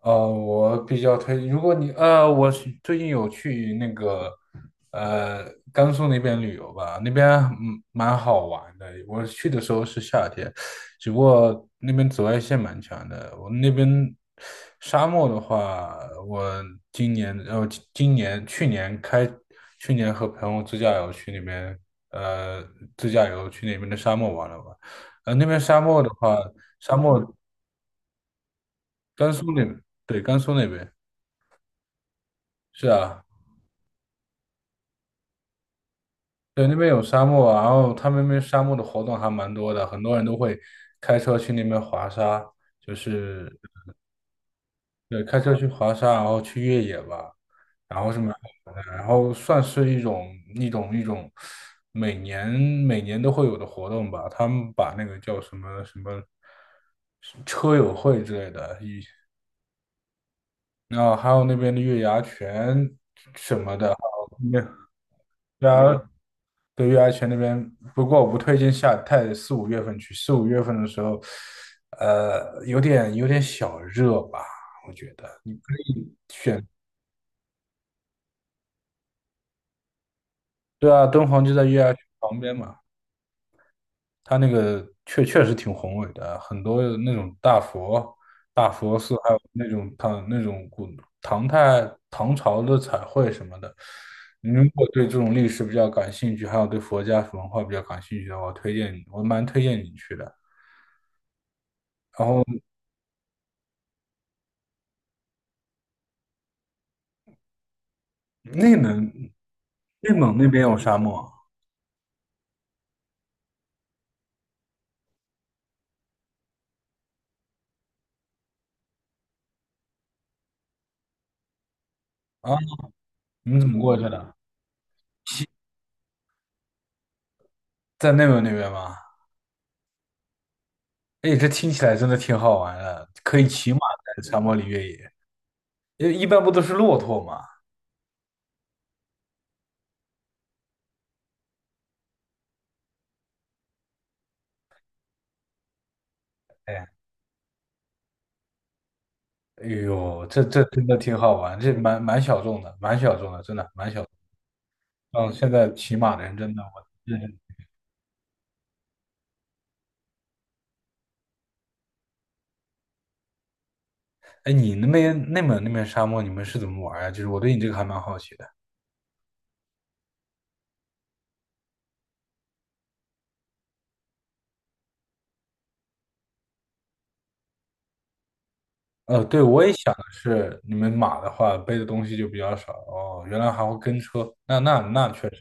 我比较推，如果你我是最近有去那个呃甘肃那边旅游吧，那边蛮好玩的。我去的时候是夏天，只不过那边紫外线蛮强的。我那边沙漠的话，我今年呃今今年去年开去年和朋友自驾游去那边呃自驾游去那边的沙漠玩了玩。那边沙漠的话，沙漠甘肃那对甘肃那边。是啊。对，那边有沙漠啊，然后他们那边沙漠的活动还蛮多的，很多人都会开车去那边滑沙。就是对，开车去滑沙，然后去越野吧，然后是蛮好玩的，然后算是一种每年每年都会有的活动吧，他们把那个叫什么什么车友会之类的。然后还有那边的月牙泉什么的，然后。那边对啊，对月牙泉那边。不过我不推荐下太四五月份去，四五月份的时候，有点小热吧，我觉得。选，对啊，敦煌就在月牙泉旁边嘛。它那个确实挺宏伟的，很多那种大佛、大佛寺，还有那种唐那种古唐代唐朝的彩绘什么的。你如果对这种历史比较感兴趣，还有对佛家文化比较感兴趣的话，我蛮推荐你去的。然后。内蒙，内蒙那边有沙漠啊？你们怎么过去的？在内蒙那边吗？哎，这听起来真的挺好玩的，可以骑马在沙漠里越野。因为一般不都是骆驼吗？哎，哎呦，这真的挺好玩，这蛮小众的，蛮小众的，真的蛮小众。嗯，哦，现在骑马的人真的我认识。哎，你那边内蒙那边沙漠，你们是怎么玩呀？就是我对你这个还蛮好奇的。对，我也想的是，你们马的话背的东西就比较少哦。原来还会跟车，那确实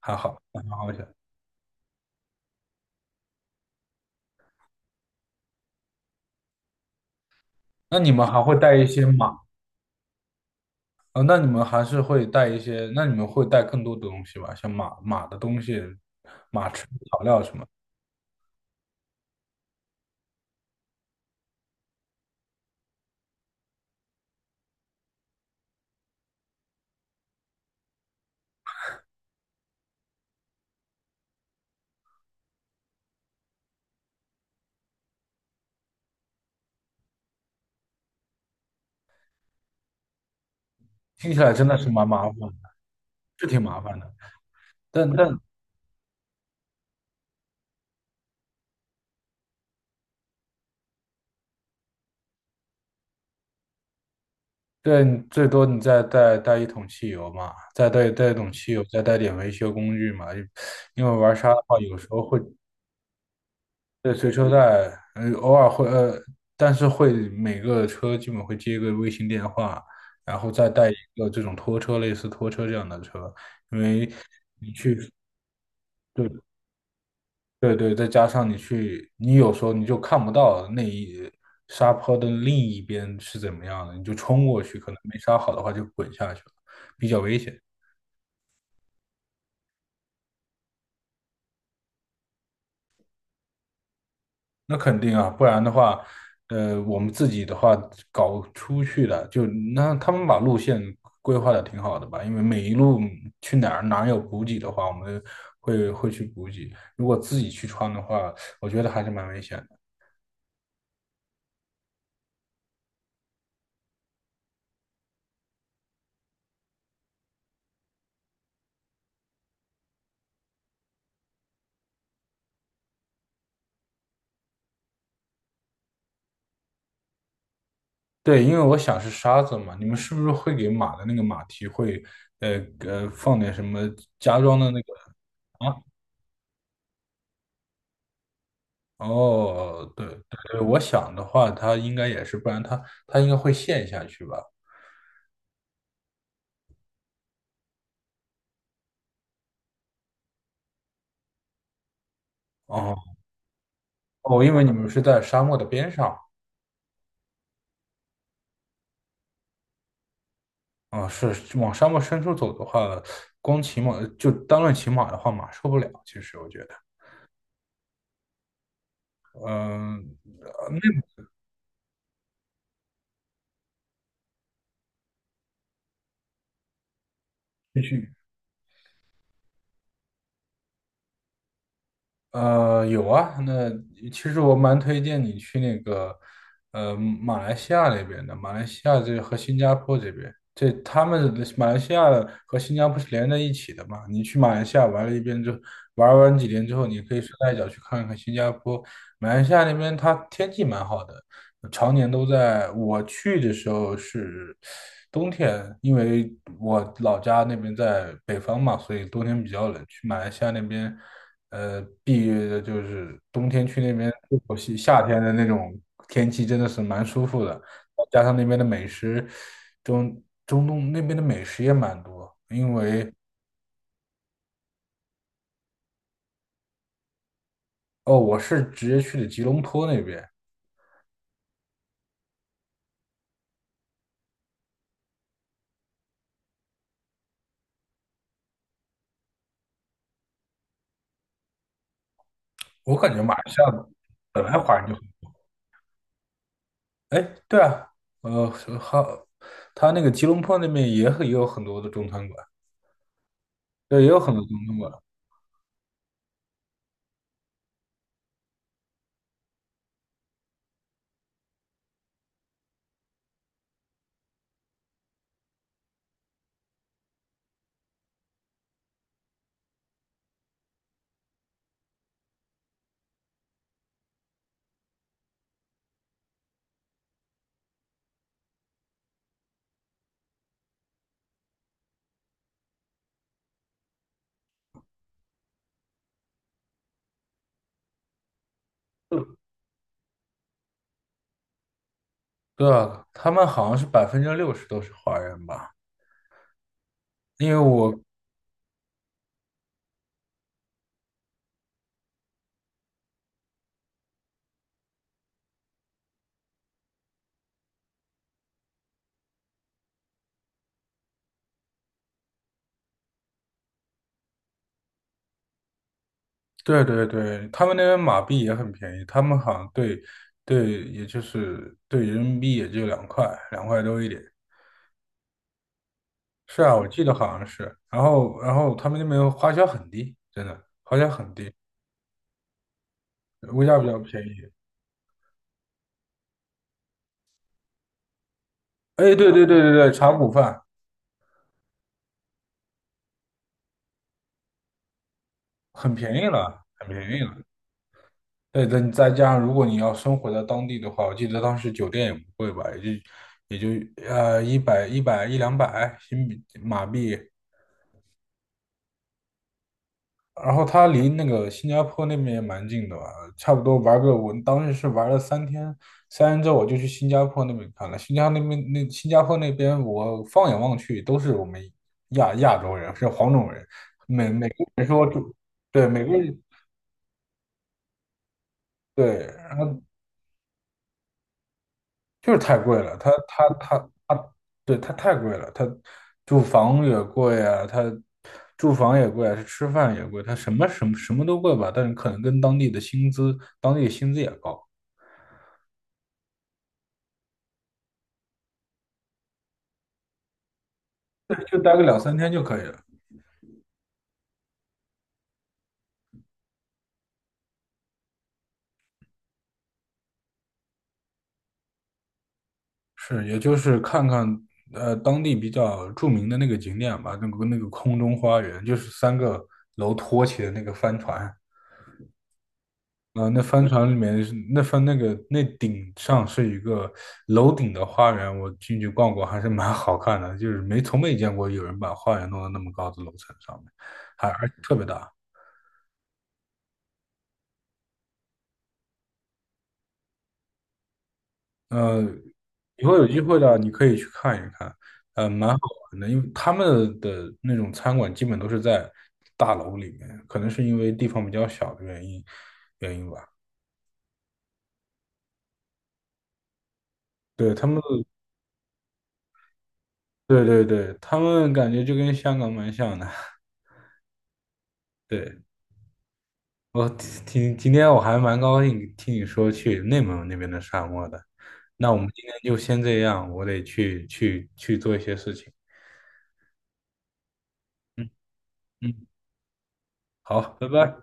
还好，那蛮好想。那你们还会带一些马？那你们还是会带一些，那你们会带更多的东西吧？像马的东西，马吃的草料什么，听起来真的是蛮麻烦的，是挺麻烦的。但但对，你最多你再带一桶汽油嘛，再带一桶汽油，再带点维修工具嘛。因为玩沙的话，有时候会。对，随车带，偶尔会，但是会每个车基本会接一个卫星电话，然后再带一个这种拖车，类似拖车这样的车，因为，对对对，再加上你去，你有时候你就看不到那一沙坡的另一边是怎么样的，你就冲过去，可能没刹好的话就滚下去了，比较危险。那肯定啊，不然的话，我们自己的话搞出去的，那他们把路线规划的挺好的吧？因为每一路去哪儿哪儿有补给的话，我们会去补给。如果自己去穿的话，我觉得还是蛮危险的。对，因为我想是沙子嘛，你们是不是会给马的那个马蹄会，呃放点什么加装的那个？啊？哦，对对对，我想的话，它应该也是，不然它应该会陷下去吧？哦。哦，因为你们是在沙漠的边上。啊，是往沙漠深处走的话，光骑马就单论骑马的话，马受不了，其实我觉得。嗯，继续。有啊，那其实我蛮推荐你去那个，马来西亚那边的，马来西亚这和新加坡这边，这他们马来西亚和新加坡是连在一起的嘛？你去马来西亚玩了一遍之后，玩完几天之后，你可以顺带脚去看看新加坡。马来西亚那边它天气蛮好的，常年都在。我去的时候是冬天，因为我老家那边在北方嘛，所以冬天比较冷。去马来西亚那边。避雨的就是冬天去那边，夏天的那种天气真的是蛮舒服的，加上那边的美食，中东那边的美食也蛮多。因为哦，我是直接去的吉隆坡那边。我感觉马来西亚本来华人就很，哎，对啊，呃，好，他那个吉隆坡那边也也有很多的中餐馆，对，也有很多中餐馆。对啊，他们好像是60%都是华人吧。因为我对对对，他们那边马币也很便宜，他们好像对，也就是对人民币也就两块，2块多一点。是啊，我记得好像是。然后他们那边花销很低，真的花销很低，物价比较便宜。哎，对对对对对，茶谷饭很便宜了，很便宜了。对，再加上如果你要生活在当地的话，我记得当时酒店也不贵吧，也就一两百新币马币。然后他离那个新加坡那边也蛮近的吧，差不多玩个，我当时是玩了三天，三天之后我就去新加坡那边看了。新加坡那边，我放眼望去都是我们亚洲人，是黄种人，每个人说，就对，每个人，对，然后就是太贵了，他他他他，对他太贵了，他住房也贵啊，他住房也贵啊，吃饭也贵，他什么都贵吧，但是可能跟当地的薪资，当地的薪资也高。就待个两三天就可以了。是，也就是看看当地比较著名的那个景点吧，那个空中花园，就是三个楼托起的那个帆船。那帆船里面是那顶上是一个楼顶的花园，我进去逛过，还是蛮好看的，就是没从没见过有人把花园弄到那么高的楼层上面，而且特别大。呃，以后有机会的，你可以去看一看，蛮好玩的，因为他们的那种餐馆基本都是在大楼里面，可能是因为地方比较小的原因，原因吧。对，他们，对对对，他们感觉就跟香港蛮像的。对，我今天我还蛮高兴听你说去内蒙那边的沙漠的，那我们今天就先这样，我得去做一些事情。嗯嗯，好，拜拜。